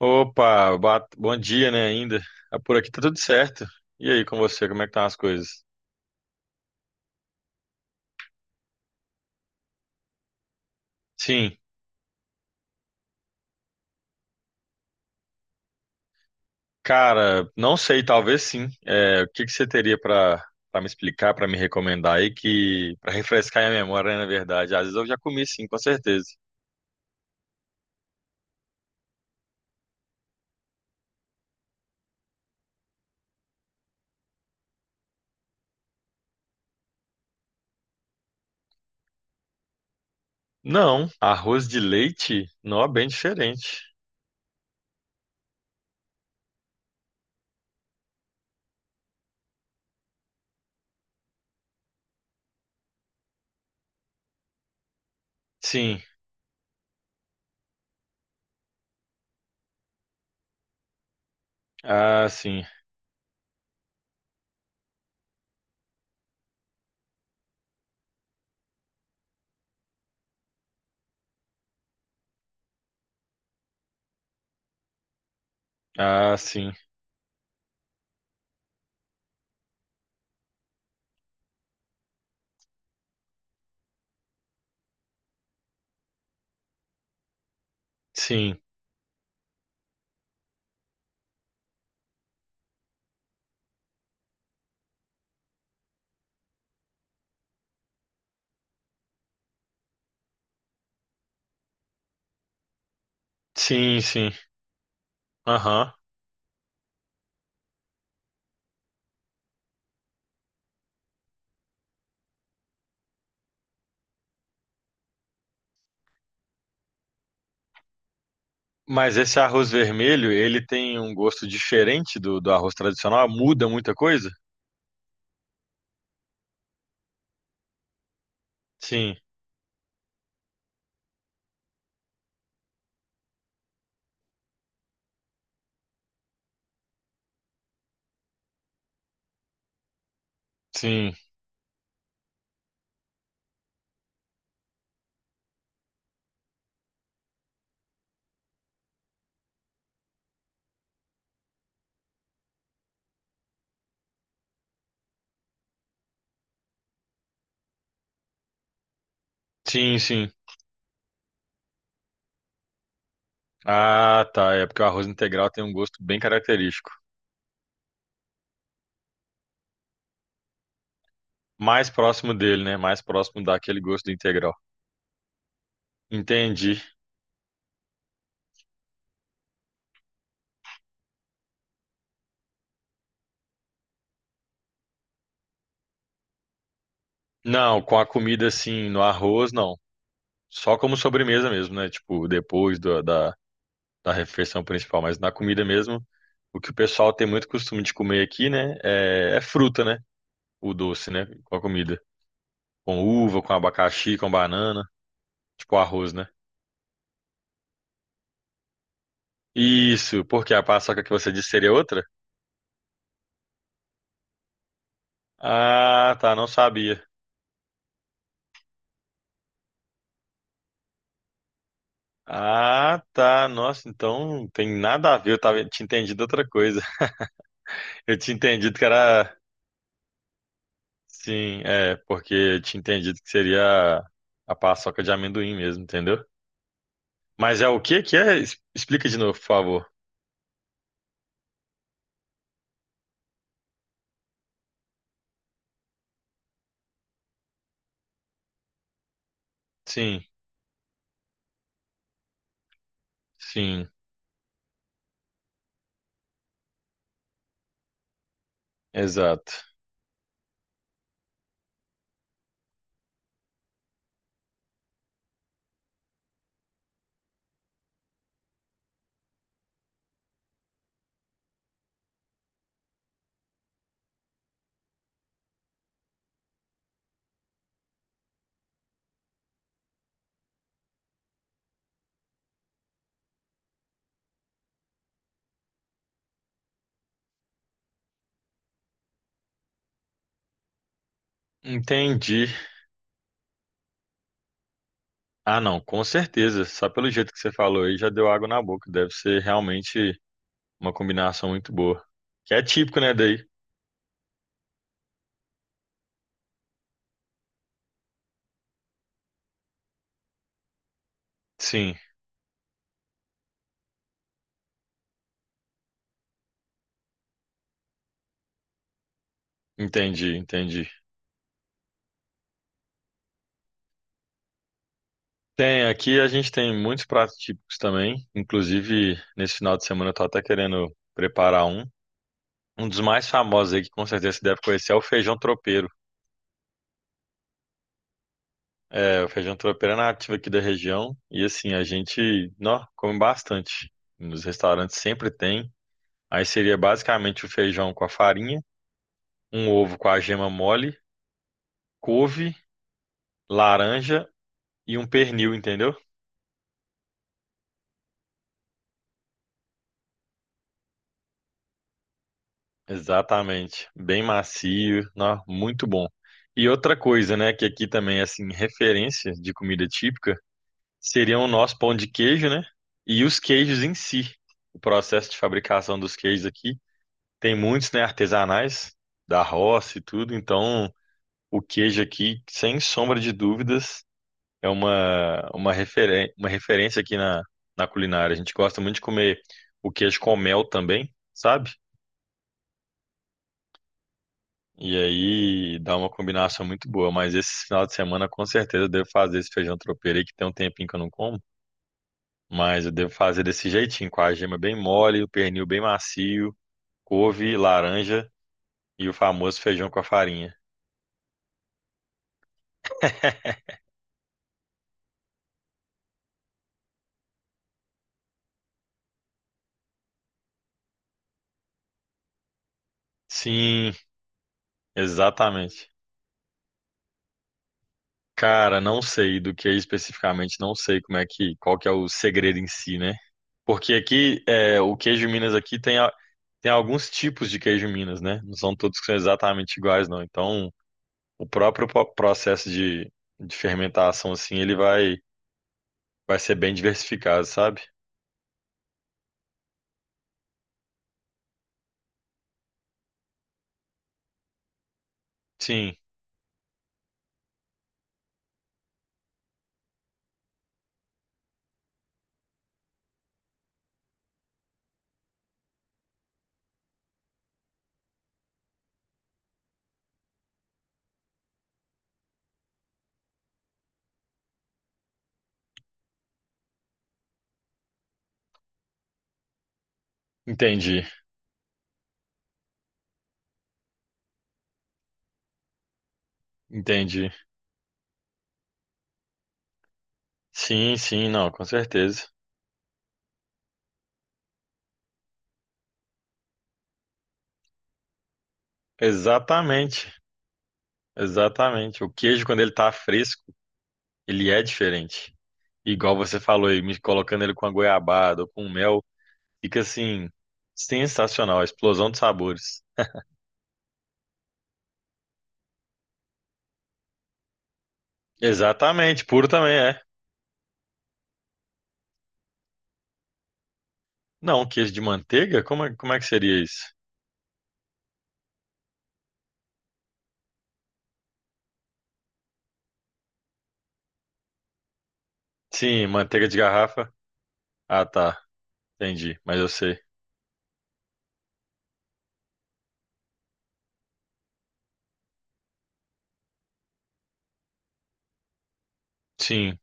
Opa, bom dia, né, ainda. Ah, por aqui tá tudo certo. E aí, com você, como é que estão as coisas? Sim, cara, não sei, talvez sim. É, o que que você teria pra para me explicar, pra me recomendar aí que para refrescar minha memória, né, na verdade. Às vezes eu já comi sim, com certeza. Não, arroz de leite, não, é bem diferente. Sim. Ah, sim. Ah, sim. Sim. Sim, sim. Aham. Mas esse arroz vermelho, ele tem um gosto diferente do arroz tradicional? Muda muita coisa? Sim, sim, sim. Ah, tá. É porque o arroz integral tem um gosto bem característico. Mais próximo dele, né? Mais próximo daquele gosto do integral. Entendi. Não, com a comida assim, no arroz, não. Só como sobremesa mesmo, né? Tipo, da refeição principal. Mas na comida mesmo, o que o pessoal tem muito costume de comer aqui, né? É, é fruta, né? O doce, né? Com a comida. Com uva, com abacaxi, com banana. Tipo arroz, né? Isso, porque a paçoca que você disse seria outra? Ah, tá, não sabia. Ah, tá, nossa, então tem nada a ver, eu tava, tinha entendido outra coisa. Eu tinha entendido que era, sim, é, porque eu tinha entendido que seria a paçoca de amendoim mesmo, entendeu? Mas é o que que é? Explica de novo, por favor. Sim, sim, exato. Entendi. Ah, não, com certeza. Só pelo jeito que você falou aí já deu água na boca. Deve ser realmente uma combinação muito boa. Que é típico, né, daí? Sim, entendi, entendi. Tem, aqui a gente tem muitos pratos típicos também. Inclusive, nesse final de semana eu tô até querendo preparar um. Um dos mais famosos aí, que com certeza você deve conhecer, é o feijão tropeiro. É, o feijão tropeiro é nativo aqui da região. E assim, a gente, nó, come bastante. Nos restaurantes sempre tem. Aí seria basicamente o feijão com a farinha, um ovo com a gema mole, couve, laranja e um pernil, entendeu? Exatamente. Bem macio, nó, muito bom. E outra coisa, né, que aqui também é assim, referência de comida típica, seria o nosso pão de queijo, né? E os queijos em si. O processo de fabricação dos queijos aqui tem muitos, né, artesanais da roça e tudo, então o queijo aqui, sem sombra de dúvidas, é uma referência aqui na culinária. A gente gosta muito de comer o queijo com mel também, sabe? E aí dá uma combinação muito boa. Mas esse final de semana, com certeza, eu devo fazer esse feijão tropeiro aí, que tem um tempinho que eu não como. Mas eu devo fazer desse jeitinho, com a gema bem mole, o pernil bem macio, couve, laranja e o famoso feijão com a farinha. Sim, exatamente. Cara, não sei do que é especificamente, não sei como é que, qual que é o segredo em si, né? Porque aqui, é, o queijo Minas aqui tem, tem alguns tipos de queijo Minas, né? Não são todos que são exatamente iguais, não. Então, o processo de fermentação, assim, ele vai, vai ser bem diversificado, sabe? Sim, entendi, entendi. Sim, sim, não, com certeza. Exatamente, exatamente. O queijo, quando ele tá fresco, ele é diferente. Igual você falou aí, me colocando ele com a goiabada ou com mel, fica assim, sensacional, a explosão de sabores. Exatamente, puro também é. Não, queijo de manteiga? Como é que seria isso? Sim, manteiga de garrafa. Ah, tá. Entendi, mas eu sei. Sim,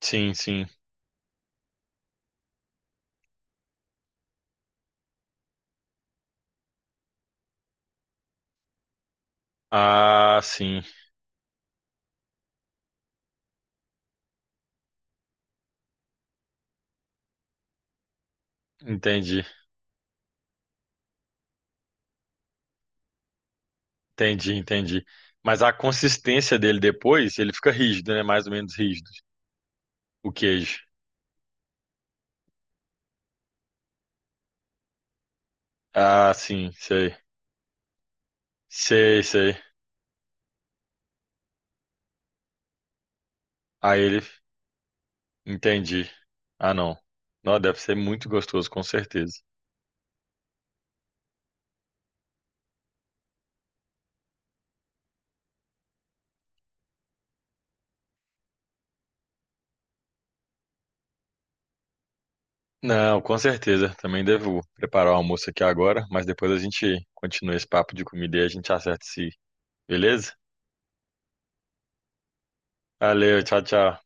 sim, sim. Ah, sim. Entendi, entendi, entendi. Mas a consistência dele depois, ele fica rígido, né? Mais ou menos rígido, o queijo. Ah, sim, sei. Sei, sei. Aí ele. Entendi. Ah, não. Não, deve ser muito gostoso, com certeza. Não, com certeza. Também devo preparar o almoço aqui agora, mas depois a gente continua esse papo de comida e a gente acerta se, beleza? Valeu, tchau, tchau.